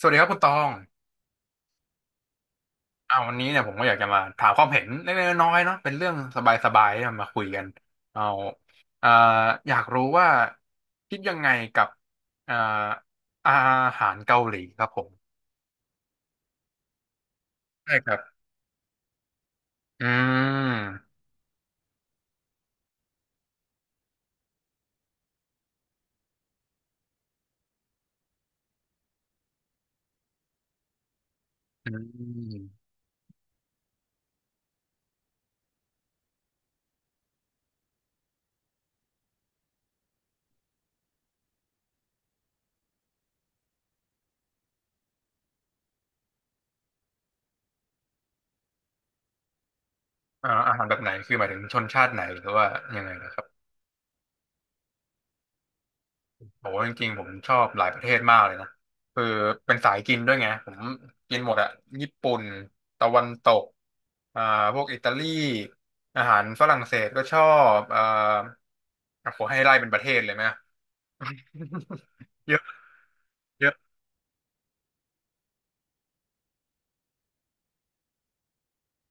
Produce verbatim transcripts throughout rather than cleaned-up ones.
สวัสดีครับคุณตองอ่าวันนี้เนี่ยผมก็อยากจะมาถามความเห็นเล็กๆน้อยๆเนาะเป็นเรื่องสบายๆเอามาคุยกันเอาอ่าอยากรู้ว่าคิดยังไงกับอ่าอาหารเกาหลีครับผม ใช่ครับอืมอืมอ่าอาหารแบบไหนคือหมายถึงชนชาติไหนหรือว่ายังไงนะครับ โหจริงๆผมชอบหลายประเทศมากเลยนะคือเป็นสายกินด้วยไงผมกินหมดอะญี่ปุ่นตะวันตกอ่าพวกอิตาลีอาหารฝรั่งเศสก็ชอบอ่าโอ้โหให้ไล่เป็นประเทศเลยไหม เยอะเยอะ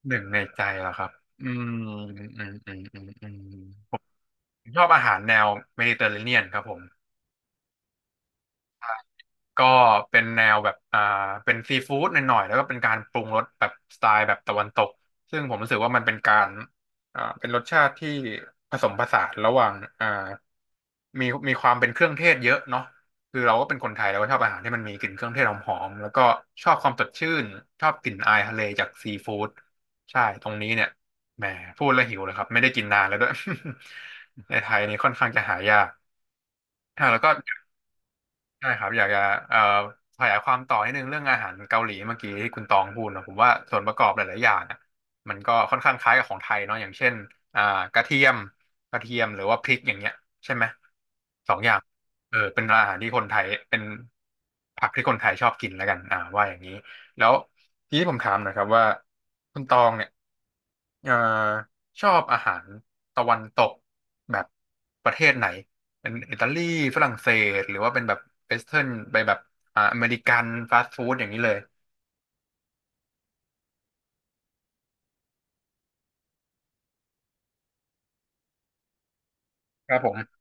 หนึ่งในใจเหรอครับอืมอืมอืมอืมอืมผมชอบอาหารแนวเมดิเตอร์เรเนียนครับผม ก็เป็นแนวแบบอ่าเป็นซีฟู้ดหน่อยๆแล้วก็เป็นการปรุงรสแบบสไตล์แบบตะวันตกซึ่งผมรู้สึกว่ามันเป็นการอ่าเป็นรสชาติที่ผสมผสานระหว่างอ่ามีมีความเป็นเครื่องเทศเยอะเนาะคือเราก็เป็นคนไทยเราก็ชอบอาหารที่มันมีกลิ่นเครื่องเทศหอมๆแล้วก็ชอบความสดชื่นชอบกลิ่นอายทะเลจากซีฟู้ดใช่ตรงนี้เนี่ยแหมพูดแล้วหิวเลยครับไม่ได้กินนานแล้วด้วย ในไทยนี่ค่อนข้างจะหายากอ่ะแล้วก็ ใช่ครับอยากจะเอ่อขยายความต่อนิดนึงเรื่องอาหารเกาหลีเมื่อกี้ที่คุณตองพูดนะผมว่าส่วนประกอบหลายๆอย่างอ่ะมันก็ค่อนข้างคล้ายกับของไทยเนาะอย่างเช่นอ่ากระเทียมกระเทียมหรือว่าพริกอย่างเงี้ยใช่ไหมสองอย่างเออเป็นอาหารที่คนไทยเป็นผักที่คนไทยชอบกินแล้วกันอ่าว่าอย่างนี้แล้วทีนี้ผมถามหนะครับว่าคุณตองเนี่ยเอ่อชอบอาหารตะวันตกแบบประเทศไหน เป็นอิตาลีฝรั่งเศสหรือว่าเป็นแบบเวสเทิร์นไปแบบอ่าอเมริกันฟาสต์ฟู้ดอย่างนี้เลยครับผม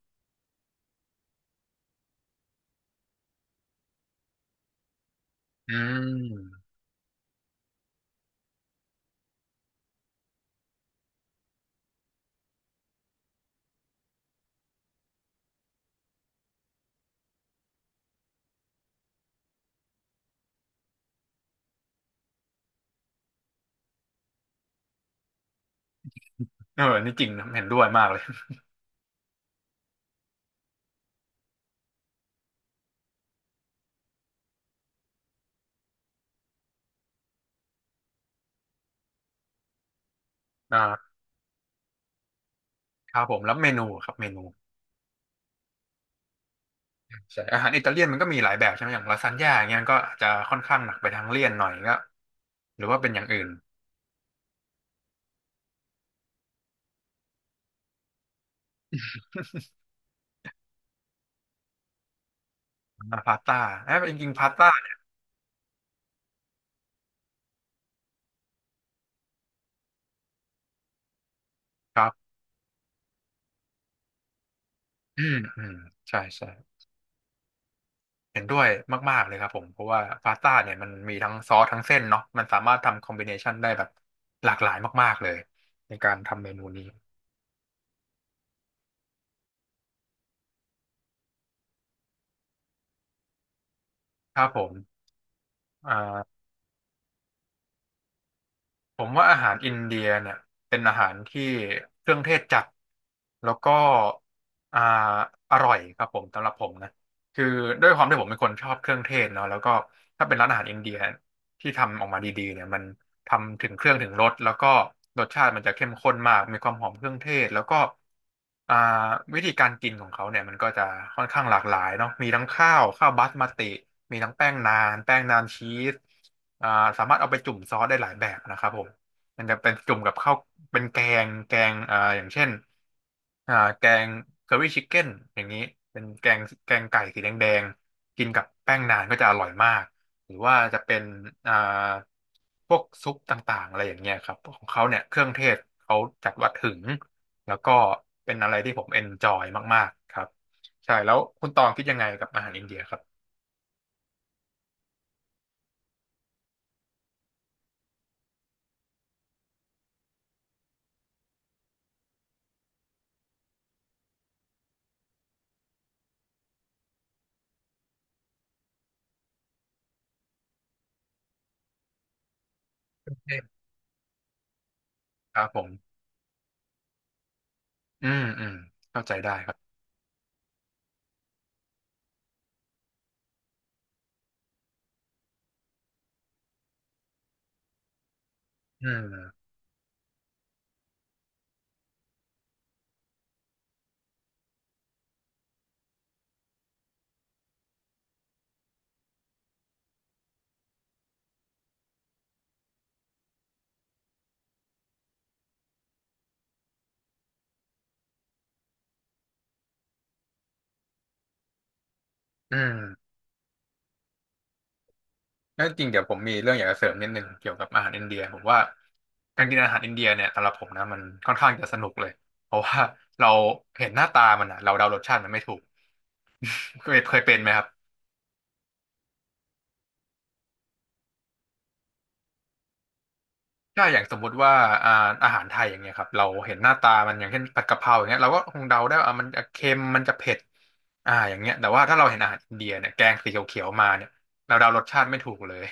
อืมเออนี่จริงนะเห็นด้วยมากเลย อ่าครับผมแล้วเมนูครับเมนูใช่อาหารอิตาเลียนมันก็มีหลายแบบใช่ไหมอย่างลาซานญ่าอย่างเงี้ยมันก็อาจจะค่อนข้างหนักไปทางเลี่ยนหน่อยก็หรือว่าเป็นอย่างอื่น อ่าพาสต้าเอ้ยจริงๆพาสต้าเนี่ยครับอืมอืมใช่ใช่ เห็นด้วยมากๆเลยครับผมเพราะว่าพาสต้าเนี่ยมันมีทั้งซอสทั้งเส้นเนาะมันสามารถทำคอมบิเนชันได้แบบหลากหลายมากๆเลยในการทำเมนูนี้ครับผมอ่า ผมว่าอาหารอินเดียเนี่ยเป็นอาหารที่เครื่องเทศจัดแล้วก็อ่าอร่อยครับผมสำหรับผมนะคือด้วยความที่ผมเป็นคนชอบเครื่องเทศเนาะแล้วก็ถ้าเป็นร้านอาหารอินเดียที่ทำออกมาดีๆเนี่ยมันทำถึงเครื่องถึงรสแล้วก็รสชาติมันจะเข้มข้นมากมีความหอมเครื่องเทศแล้วก็อ่าวิธีการกินของเขาเนี่ยมันก็จะค่อนข้างหลากหลายเนาะมีทั้งข้าวข้าวบาสมาติมีทั้งแป้งนานแป้งนานชีส อ่าสามารถเอาไปจุ่มซอสได้หลายแบบนะครับผมมันจะเป็นจุ่มกับข้าวเป็นแกงแกงอ่าอย่างเช่นอ่าแกงเคอรี่ชิคเก้นอย่างนี้เป็นแกงแกงไก่สีแดงแดงกินกับแป้งนานก็จะอร่อยมากหรือว่าจะเป็นอ่าพวกซุปต่างๆอะไรอย่างเงี้ยครับของเขาเนี่ยเครื่องเทศเขาจัดว่าถึงแล้วก็เป็นอะไรที่ผมเอนจอยมากๆครับใช่แล้วคุณตองคิดยังไงกับอาหารอินเดียครับเทศครับผมอืมอืมเข้าใจได้ อืมอืมแล้วจริงเดี๋ยวผมมีเรื่องอยากจะเสริมนิดนึงเกี่ยวกับอาหารอินเดียผมว่าการกินอาหารอินเดียเนี่ยสำหรับผมนะมันค่อนข้างจะสนุกเลยเพราะว่าเราเห็นหน้าตามันอะเราเดารสชาติมันไม่ถูกเคยเคยเป็นไหมครับถ้าอย่างสมมุติว่าอ่าอาหารไทยอย่างเงี้ยครับเราเห็นหน้าตามันอย่างเช่นผัดกะเพราอย่างเงี้ยเราก็คงเดาได้ว่าอ่ะมันจะเค็มมันจะเผ็ดอ่าอย่างเงี้ยแต่ว่าถ้าเราเห็นอาหารอินเดียเนี่ยแกงสีเขียวๆมาเนี่ยเราเดารสชาติไม่ถูกเลย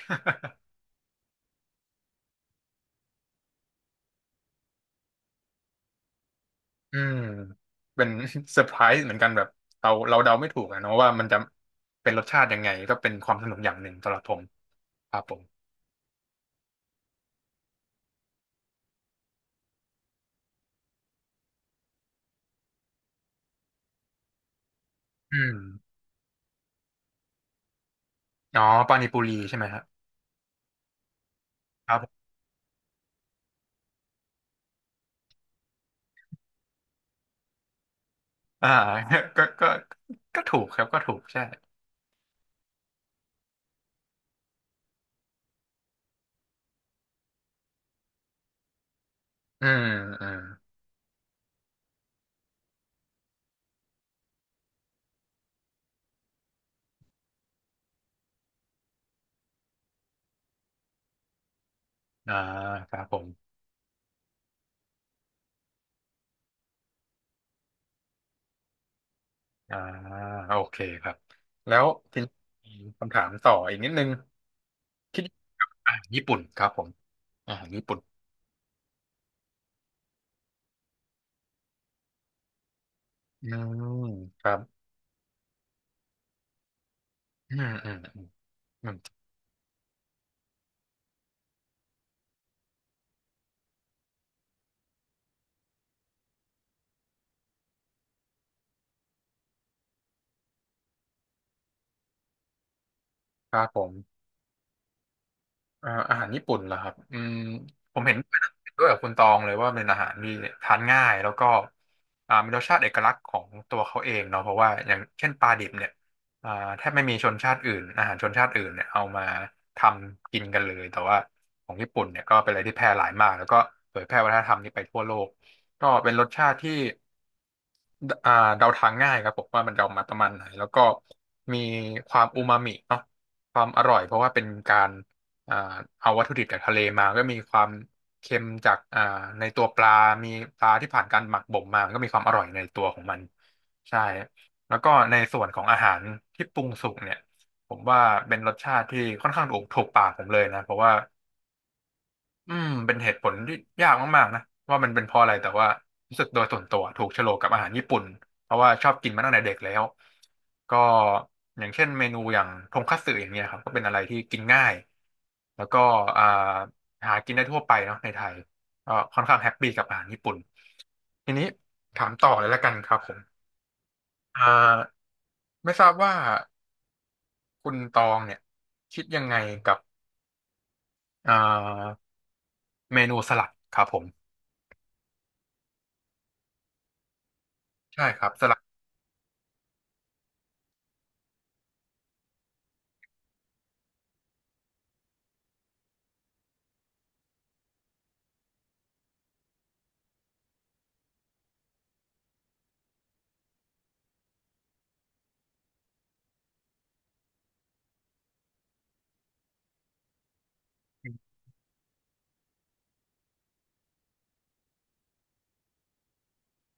อืมเป็น เซอร์ไพรส์เหมือนกันแบบเราเราเดาไม่ถูกอะเนาะว่ามันจะเป็นรสชาติยังไงก็เป็นความสนุกอย่างหนึ่งสำหรับผมครับผมอืมอ๋อปานิปุรีใช่ไหมครับครับผมอ่า ก็ก็ก็ถูกครับก็ถูกใช่อืมอืมอ่าครับผมอ่าโอเคครับแล้วทีนี้มีคำถามต่ออีกนิดนึงคิดอ่าญี่ปุ่นครับผมอ่าญี่ปุ่นอืมครับอืมอืมอืมอืมครับผม อ่าอาหารญี่ปุ่นเหรอครับอืมผมเห็นเห็นด้วยกับคุณตองเลยว่าเป็นอาหารที่ทานง่ายแล้วก็อ่ามีรสชาติเอกลักษณ์ของตัวเขาเองเนาะเพราะว่าอย่างเช่นปลาดิบเนี่ยอ่าแทบไม่มีชนชาติอื่นอาหารชนชาติอื่นเนี่ยเอามาทำกินกันเลยแต่ว่าของญี่ปุ่นเนี่ยก็เป็นอะไรที่แพร่หลายมากแล้วก็เผยแพร่วัฒนธรรมนี้ไปทั่วโลกก็เป็นรสชาติที่ ดอ่าเดาทางง่ายครับผมว่ามันเดามาประมาณไหนแล้วก็มีความอูมามิเนาะความอร่อยเพราะว่าเป็นการอ่าเอาวัตถุดิบจากทะเลมาก็มีความเค็มจากอ่าในตัวปลามีปลาที่ผ่านการหมักบ่มมาก็มีความอร่อยในตัวของมันใช่แล้วก็ในส่วนของอาหารที่ปรุงสุกเนี่ยผมว่าเป็นรสชาติที่ค่อนข้างถูกถูกปากผมเลยนะเพราะว่า อืมเป็นเหตุผลที่ยากมากๆนะว่ามันเป็นเพราะอะไรแต่ว่ารู้สึกโดยส่วนตัวถูกโฉลกกับอาหารญี่ปุ่นเพราะว่าชอบกินมาตั้งแต่เด็กแล้วก็อย่างเช่นเมนูอย่างทงคัตสึอย่างเงี้ยครับก็เป็นอะไรที่กินง่ายแล้วก็อ่าหากินได้ทั่วไปเนาะในไทยก็ค่อนข้างแฮปปี้กับอาหารญี่ปุ่นทีนี้ถามต่อเลยละกันครับผมอ่าไม่ทราบว่าคุณตองเนี่ยคิดยังไงกับอ่าเมนูสลัดครับผมใช่ครับสลัด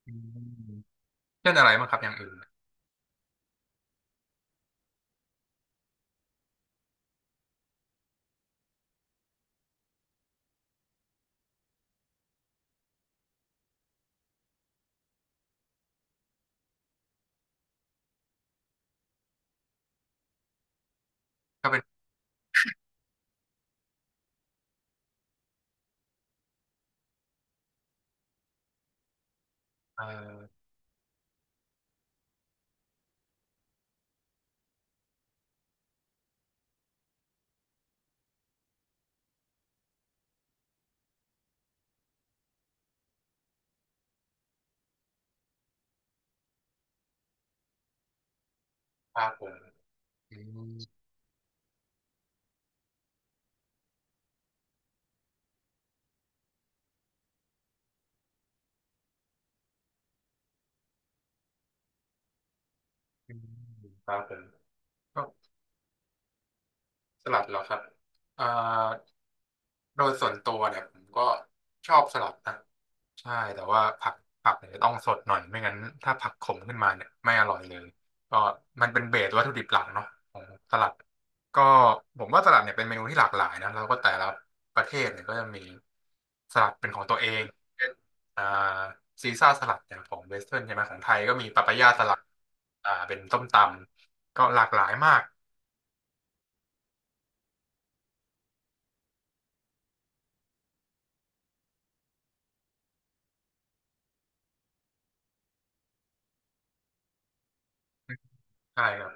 อืม เช่นอะไรบ้างครับอย่างอื่นก็เป็นเอ่อปลาผงอืมอืมปลาผงก็สลัดเหรอครับเอ่อโดยส่วนตัวเนี่ยผมก็ชอบสลัดนะ ใช่แต่ว่าผักผักเนี่ยต้องสดหน่อยไม่งั้นถ้าผักขมขึ้นมาเนี่ยไม่อร่อยเลยก็มันเป็นเบสวัตถุดิบหลักเนาะของสลัดก็ผมว่าสลัดเนี่ยเป็นเมนูที่หลากหลายนะแล้วก็แต่ละประเทศเนี่ยก็จะมีสลัดเป็นของตัวเองเช่นอ่าซีซ่าสลัดอย่างของเวสเทิร์นใช่ไหมของไทยก็มีปาปายาสลัดอ่าเป็นส้มตำก็หลากหลายมากใช่ครับ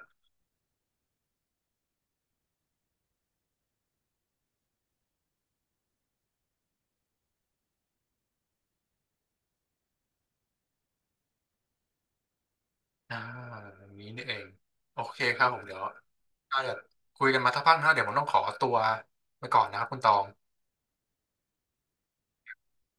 อ่าอย่างนี้นี่เองโอเคครับผมเดี๋ยวถ้าเกิดคุยกันมาสักพักนะเดี๋ยวผมต้องขอตัวไปก่อนนะครับคุณตอง